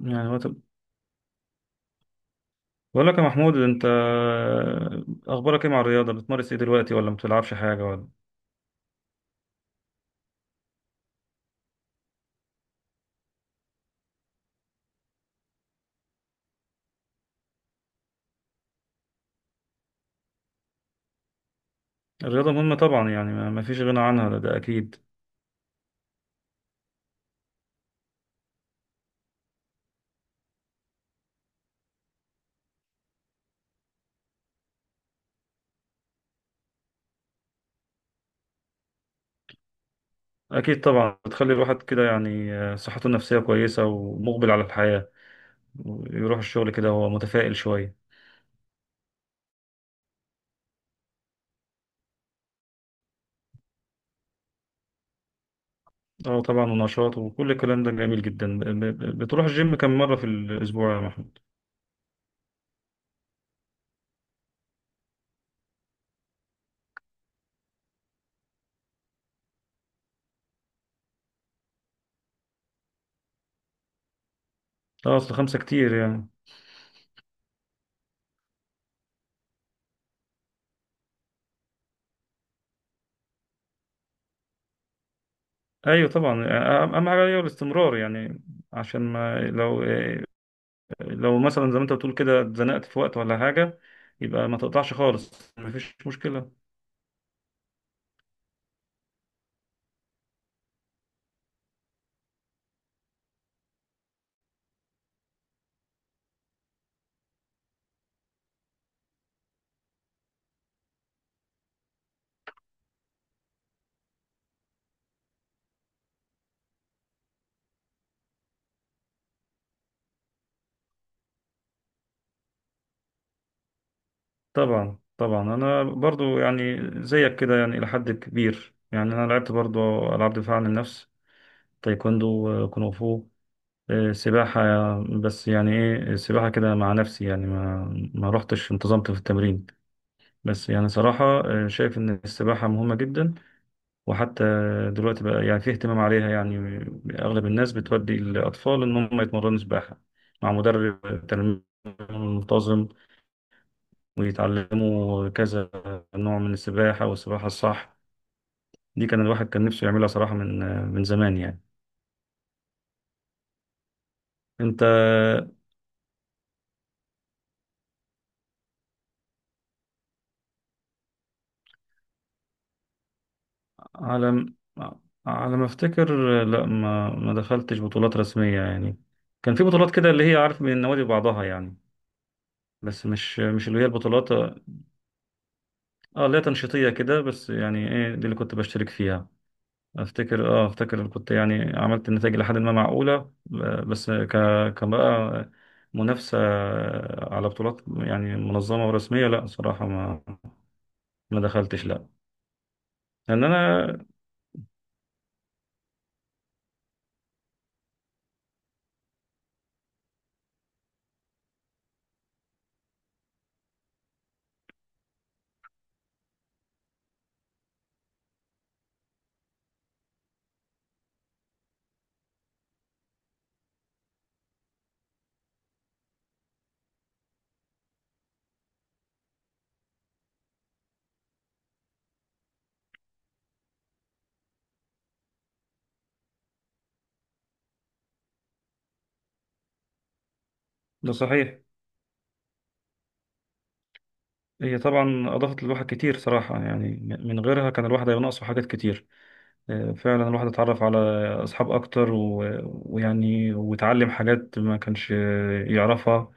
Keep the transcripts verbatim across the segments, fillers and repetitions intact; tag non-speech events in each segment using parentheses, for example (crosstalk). يعني هو طب، بقول لك يا محمود. انت اخبارك ايه مع الرياضه؟ بتمارس ايه دلوقتي ولا ما بتلعبش حاجه ولا؟ الرياضه مهمه طبعا، يعني ما ما فيش غنى عنها. ده, ده اكيد. اكيد طبعا، بتخلي الواحد كده، يعني آه، صحته النفسيه كويسه ومقبل على الحياه. يروح الشغل كده وهو متفائل شويه. اه طبعا، ونشاط وكل الكلام ده جميل جدا. ب- ب- بتروح الجيم كم مره في الاسبوع يا محمود؟ اه، اصل خمسه كتير يعني. ايوه طبعا، أ- اهم حاجه هي الاستمرار يعني. عشان ما، لو لو مثلا زي ما انت بتقول كده اتزنقت في وقت ولا حاجة، يبقى ما تقطعش خالص، مفيش مشكلة. طبعا طبعا، انا برضو يعني زيك كده، يعني الى حد كبير. يعني انا لعبت برضو العاب دفاع عن النفس: تايكوندو، آه، كونغ فو، آه، سباحة. بس يعني ايه، السباحة كده مع نفسي، يعني ما ما رحتش انتظمت في التمرين. بس يعني صراحة، آه، شايف ان السباحة مهمة جدا. وحتى دلوقتي بقى، يعني في اهتمام عليها. يعني أغلب الناس بتودي الأطفال إن هم يتمرنوا سباحة مع مدرب تنمية منتظم، ويتعلموا كذا نوع من السباحة. والسباحة الصح دي كان الواحد كان نفسه يعملها صراحة من من زمان يعني. أنت، على م- على ما أفتكر، لا، ما ما دخلتش بطولات رسمية يعني. كان في بطولات كده، اللي هي عارف، من النوادي بعضها يعني. بس مش مش اللي هي البطولات. اه، اللي هي تنشيطية كده بس، يعني ايه، دي اللي كنت بشترك فيها. افتكر اه افتكر اللي كنت يعني عملت النتائج لحد ما معقولة، ب- بس ك كان بقى منافسة على بطولات، يعني منظمة ورسمية، لا صراحة ما ما دخلتش لا. لأن أنا، ده صحيح. هي طبعا أضافت للواحد كتير صراحة يعني. من غيرها كان الواحد هيبقى ناقصه حاجات كتير. آه، فعلا الواحد اتعرف على أصحاب أكتر، و- ويعني وتعلم حاجات ما كانش يعرفها،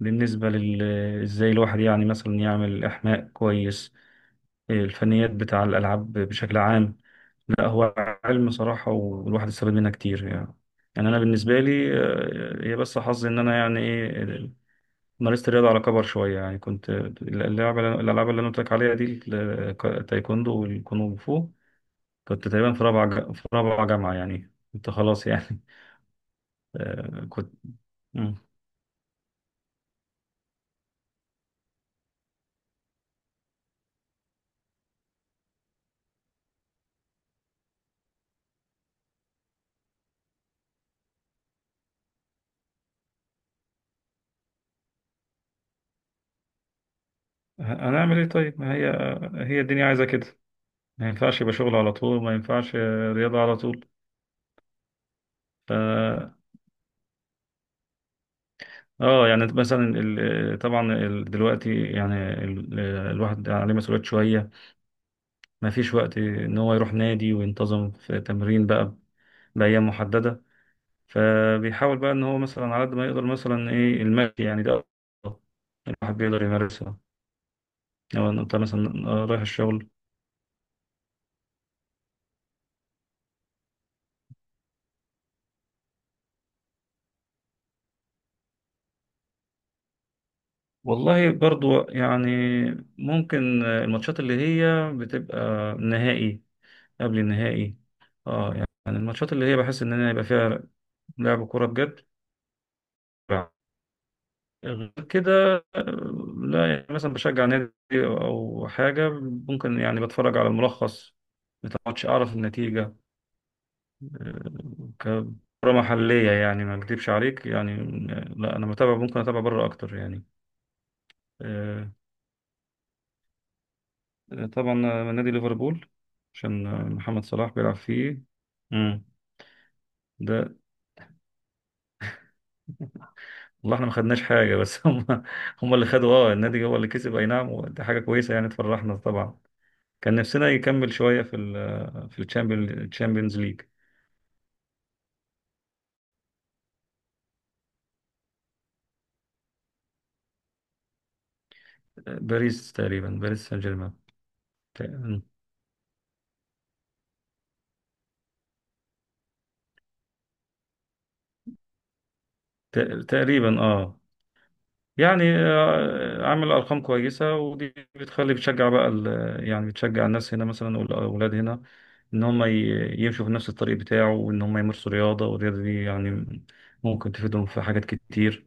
بالنسبة لل، ازاي الواحد يعني مثلا يعمل إحماء كويس، الفنيات بتاع الألعاب بشكل عام. لا هو علم صراحة، والواحد استفاد منها كتير يعني. يعني أنا بالنسبة لي آه، هي بس حظي إن أنا يعني إيه، مارست الرياضة على كبر شوية. يعني كنت اللعبة الألعاب اللي أنا قلت لك عليها دي، التايكوندو والكونغ فو، كنت تقريبا في رابعة ج- في رابعة جامعة، يعني كنت خلاص يعني. (laughs) آه، كنت. مم. هنعمل إيه؟ طيب، ما هي هي الدنيا عايزة كده. ما ينفعش يبقى شغل على طول، ما ينفعش آه، رياضة على طول. ف اه يعني مثلا ال... آه، طبعا ال... دلوقتي يعني ال... آه، الواحد عليه مسؤوليات شوية، ما فيش وقت ان هو يروح نادي وينتظم في تمرين بقى بأيام محددة. فبيحاول بقى ان هو مثلا على قد ما يقدر، مثلا ايه، المشي يعني، ده أفضل، الواحد بيقدر يمارسها. لو انت مثلا رايح الشغل. والله برضو يعني ممكن الماتشات اللي هي بتبقى نهائي، قبل النهائي. اه، يعني الماتشات اللي هي بحس ان انا يبقى فيها لعب كوره بجد. غير كده، آه، لا يعني مثلا بشجع نادي او حاجه، ممكن يعني بتفرج على الملخص بتاع الماتش، اعرف النتيجه. آه، ككره محليه يعني، ما اكذبش عليك يعني. آه، لا انا متابع، ممكن اتابع بره اكتر يعني. آه، طبعا، آه، نادي ليفربول، عشان آه، محمد صلاح بيلعب فيه. مم. ده والله احنا ما خدناش حاجة، بس (laughs) هم، هم اللي خدوا، اه النادي هو اللي كسب، اي نعم، ودي حاجة كويسة يعني تفرحنا طبعا. كان نفسنا يكمل شوية في ال في الشامبيونز ليج. باريس تقريبا، باريس سان جيرمان. تق- تق- تقريبا، اه. يعني آه، عامل ارقام كويسة، ودي بتخلي بتشجع بقى ال- يعني بتشجع الناس هنا مثلا والاولاد هنا، ان هم ي- يمشوا في نفس الطريق بتاعه، وان هم يمارسوا رياضة، والرياضة دي يعني ممكن تفيدهم في حاجات كتير.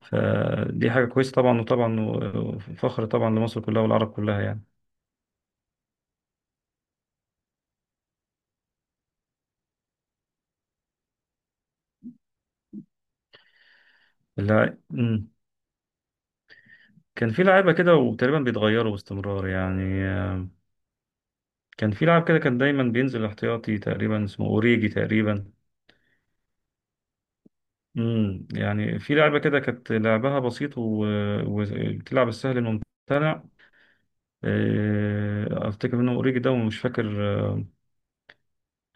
فدي حاجة كويسة طبعا، وطبعا وفخر طبعا لمصر كلها والعرب كلها يعني. اللاع- مم. كان في لعيبة كده وتقريبا بيتغيروا باستمرار، يعني آه، كان في لاعب كده كان دايما بينزل احتياطي تقريبا، اسمه اوريجي تقريبا. مم. يعني في لعبة كده كانت لعبها بسيط و- وبتلعب السهل الممتنع. آه، افتكر منه اوريجي ده، ومش فاكر آه،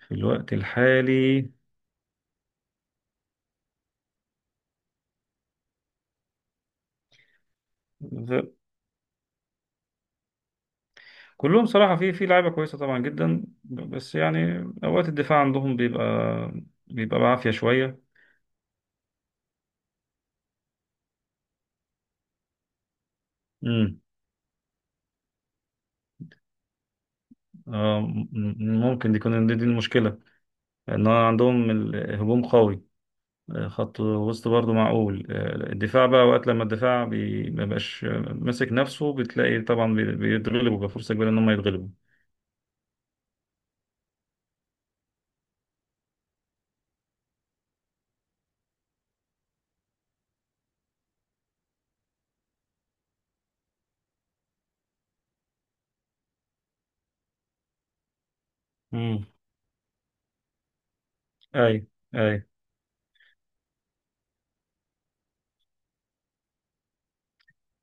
في الوقت الحالي. كلهم صراحة في في لعيبة كويسة طبعا جدا، بس يعني أوقات الدفاع عندهم بيبقى بيبقى بعافية شوية. امم آه، م- م- ممكن، دي يكون دي دي المشكلة، إن هو عندهم الهجوم قوي، آه، خط وسط برضه معقول، آه، الدفاع بقى، وقت لما الدفاع بي- ما بقاش آه، ماسك نفسه، بتلاقي طبعا بي- بيتغلبوا بقى، فرصة كبيرة إن هم يتغلبوا. امم أي، أي،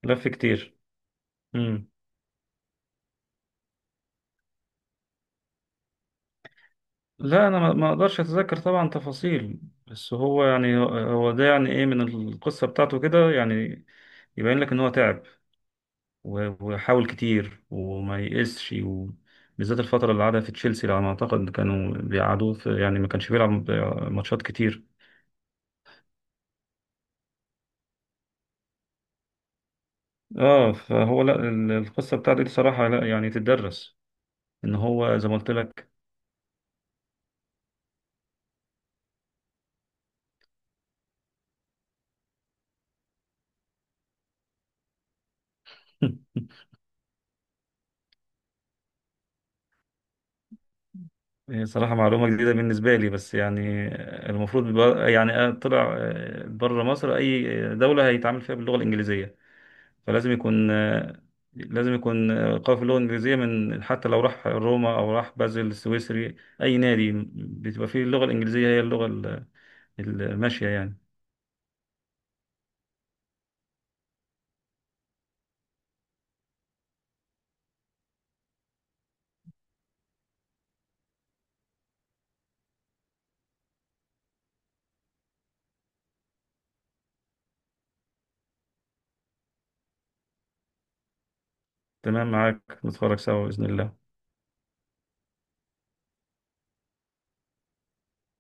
لف كتير. لا انا ما ما اقدرش اتذكر طبعا تفاصيل. بس هو يعني، هو ده يعني ايه، من القصه بتاعته كده، يعني يبين لك ان هو تعب و- وحاول كتير وما يئسش، وبالذات الفتره اللي قعدها في تشيلسي على ما اعتقد كانوا بيقعدوه في، يعني ما كانش بيلعب ماتشات كتير. اه، فهو لا ال- القصه بتاعته دي صراحه لا يعني تدرس، ان هو زي ما قلت لك. (laughs) هي صراحة معلومة جديدة بالنسبة لي، بس يعني المفروض بقى- يعني طلع بره مصر، أي دولة هيتعامل فيها باللغة الإنجليزية، فلازم يكون، لازم يكون قوي في اللغة الإنجليزية. من حتى لو راح روما أو راح بازل السويسري، أي نادي بتبقى فيه اللغة الإنجليزية هي اللغة ال- الماشية يعني. تمام معاك، نتفرج سوا بإذن الله.